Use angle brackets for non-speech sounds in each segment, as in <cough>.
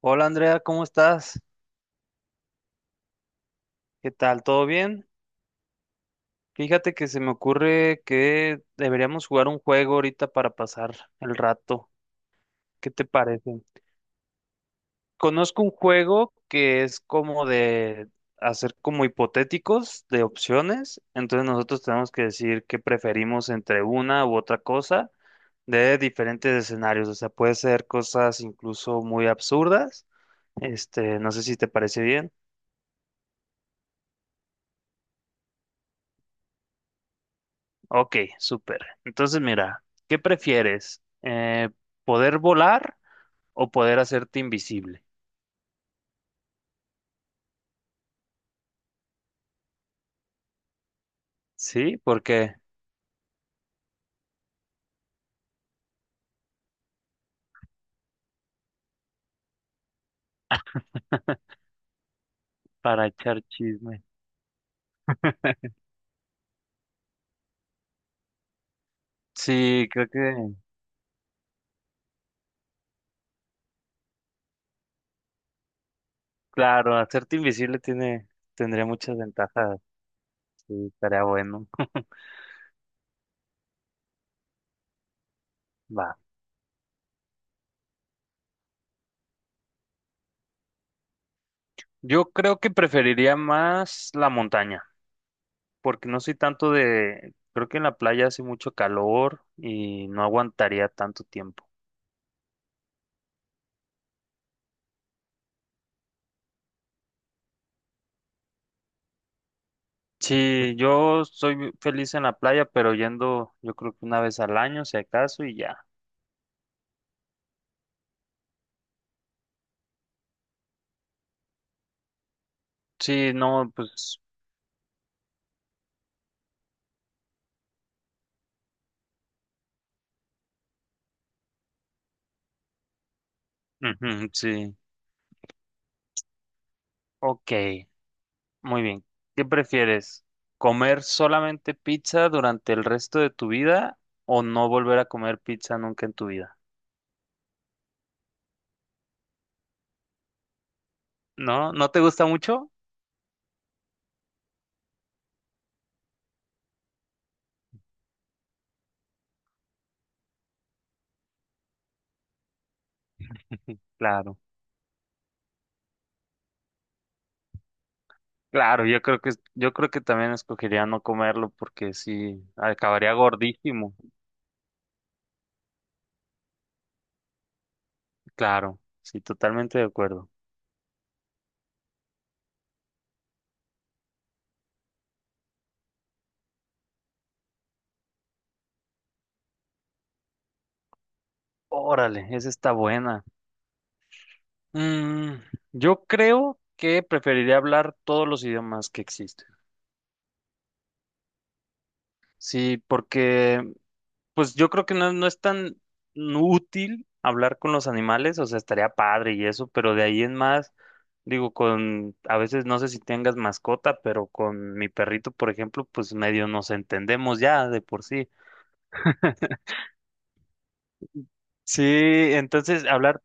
Hola Andrea, ¿cómo estás? ¿Qué tal? ¿Todo bien? Fíjate que se me ocurre que deberíamos jugar un juego ahorita para pasar el rato. ¿Qué te parece? Conozco un juego que es como de hacer como hipotéticos de opciones. Entonces nosotros tenemos que decir qué preferimos entre una u otra cosa de diferentes escenarios. O sea, puede ser cosas incluso muy absurdas. Este, no sé si te parece bien. Ok, súper. Entonces, mira, ¿qué prefieres? ¿Poder volar o poder hacerte invisible? Sí, porque <laughs> para echar chisme. Sí, creo que, claro, hacerte invisible tiene, tendría muchas ventajas. Sí, estaría bueno. <laughs> Va. Yo creo que preferiría más la montaña, porque no soy tanto de, creo que en la playa hace mucho calor y no aguantaría tanto tiempo. Sí, yo soy feliz en la playa, pero yendo yo creo que una vez al año, si acaso, y ya. Sí, no, pues, ujú, sí. Ok, muy bien. ¿Qué prefieres? ¿Comer solamente pizza durante el resto de tu vida o no volver a comer pizza nunca en tu vida? ¿No? ¿No te gusta mucho? Claro. Claro, yo creo que también escogería no comerlo porque sí acabaría gordísimo. Claro, sí, totalmente de acuerdo. Órale, esa está buena. Mm, yo creo que preferiría hablar todos los idiomas que existen. Sí, porque pues yo creo que no, no es tan útil hablar con los animales, o sea, estaría padre y eso, pero de ahí en más, digo, con, a veces no sé si tengas mascota, pero con mi perrito, por ejemplo, pues medio nos entendemos ya de por sí. Sí, entonces hablar.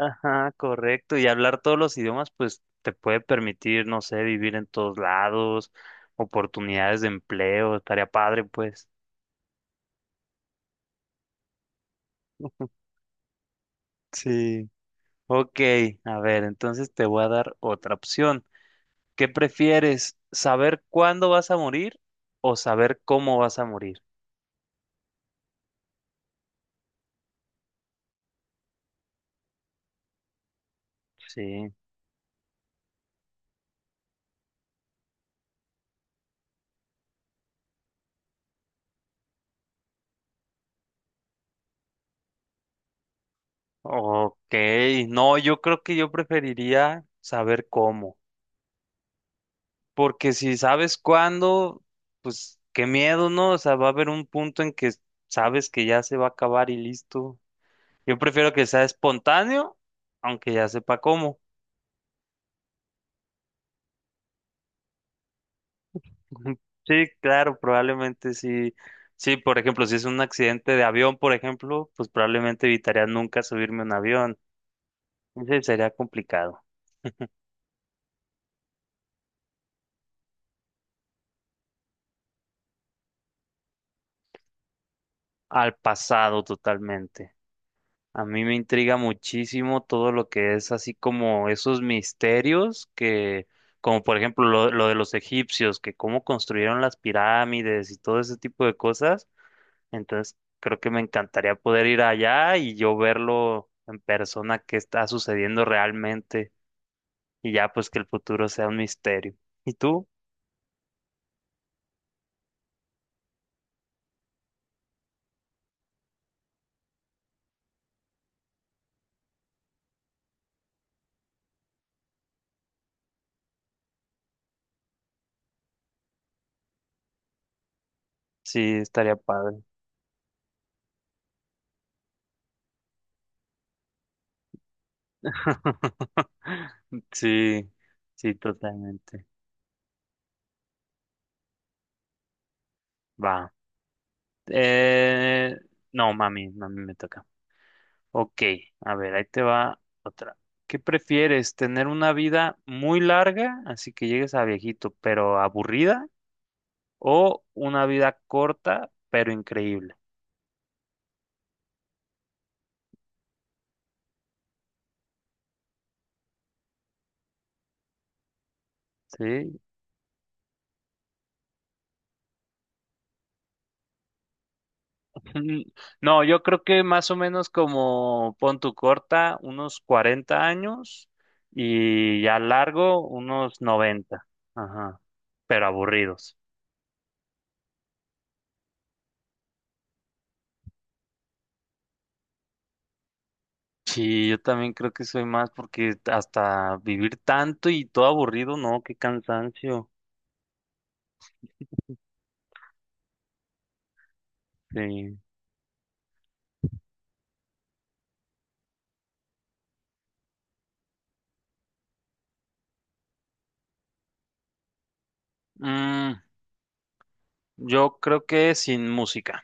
Ajá, correcto. Y hablar todos los idiomas, pues te puede permitir, no sé, vivir en todos lados, oportunidades de empleo, estaría padre, pues. Sí. Ok, a ver, entonces te voy a dar otra opción. ¿Qué prefieres? ¿Saber cuándo vas a morir o saber cómo vas a morir? Sí. Ok, no, yo creo que yo preferiría saber cómo. Porque si sabes cuándo, pues qué miedo, ¿no? O sea, va a haber un punto en que sabes que ya se va a acabar y listo. Yo prefiero que sea espontáneo, aunque ya sepa cómo. <laughs> Sí, claro, probablemente sí. Sí, por ejemplo, si es un accidente de avión, por ejemplo, pues probablemente evitaría nunca subirme a un avión. Ese sería complicado. Al pasado totalmente. A mí me intriga muchísimo todo lo que es así como esos misterios que, como por ejemplo lo de los egipcios, que cómo construyeron las pirámides y todo ese tipo de cosas. Entonces, creo que me encantaría poder ir allá y yo verlo en persona qué está sucediendo realmente y ya pues que el futuro sea un misterio. ¿Y tú? Sí, estaría padre. <laughs> Sí, sí, totalmente. Va. Eh, no, mami, mami me toca. Ok, a ver, ahí te va otra. ¿Qué prefieres? ¿Tener una vida muy larga, así que llegues a viejito, pero aburrida? ¿O una vida corta, pero increíble? Sí. <laughs> Mm, no, yo creo que más o menos como pon tu corta, unos 40 años y ya largo, unos 90. Ajá, pero aburridos. Sí, yo también creo que soy más porque hasta vivir tanto y todo aburrido, no, qué cansancio. Sí. Mm, yo creo que sin música.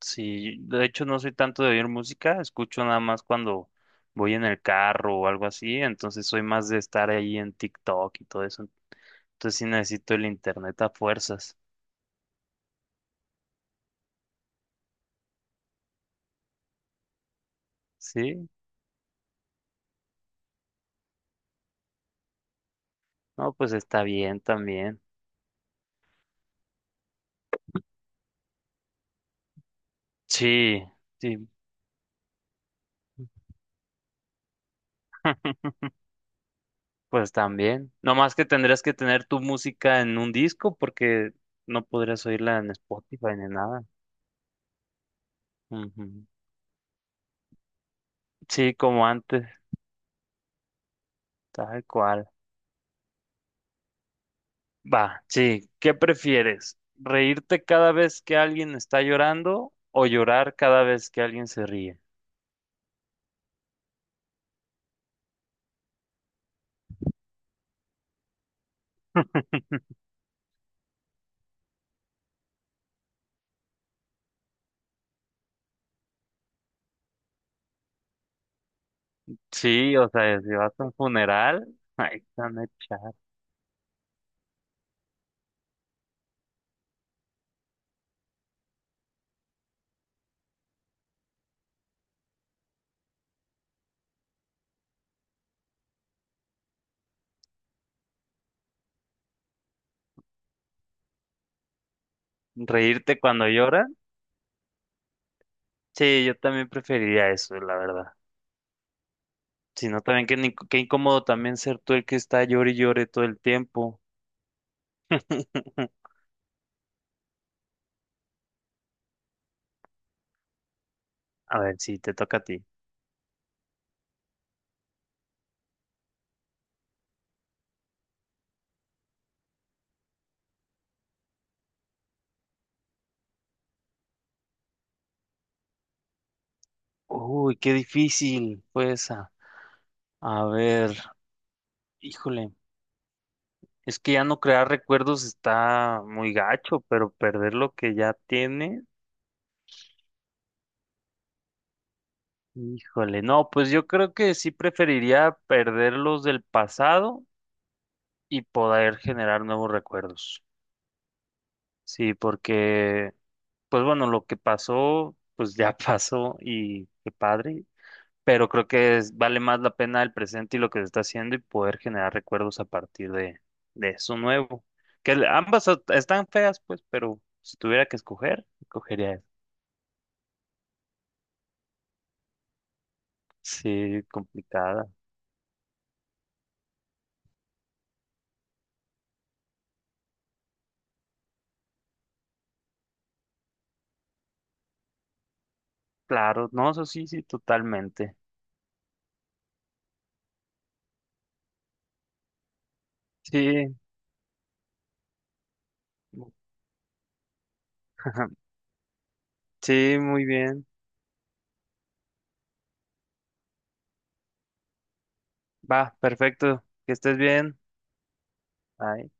Sí, de hecho no soy tanto de oír música, escucho nada más cuando voy en el carro o algo así, entonces soy más de estar ahí en TikTok y todo eso. Entonces sí necesito el internet a fuerzas. Sí, no, pues está bien también. Sí, sí. <laughs> Pues también. No más que tendrías que tener tu música en un disco porque no podrías oírla en Spotify ni nada. Ujú. Sí, como antes, tal cual. Va, sí. ¿Qué prefieres? ¿Reírte cada vez que alguien está llorando o llorar cada vez que alguien se ríe? Sí, o sea, si vas a un funeral, <laughs> ahí están a echar. ¿Reírte cuando llora? Sí, yo también preferiría eso, la verdad. Si no, también qué, qué incómodo también ser tú el que está llore y llore todo el tiempo. <laughs> A ver, si te toca a ti. Uy, qué difícil fue esa. A ver, híjole, es que ya no crear recuerdos está muy gacho, pero perder lo que ya tiene, híjole, no, pues yo creo que sí preferiría perder los del pasado y poder generar nuevos recuerdos. Sí, porque, pues bueno, lo que pasó, pues ya <laughs> pasó y qué padre, pero creo que vale más la pena el presente y lo que se está haciendo y poder generar recuerdos a partir de eso nuevo. Que ambas están feas, pues, pero si tuviera que escoger, escogería eso. Sí, complicada. Claro, no, eso sí, sí, totalmente. Sí, <laughs> sí, muy bien. Va, perfecto. Que estés bien. Bye.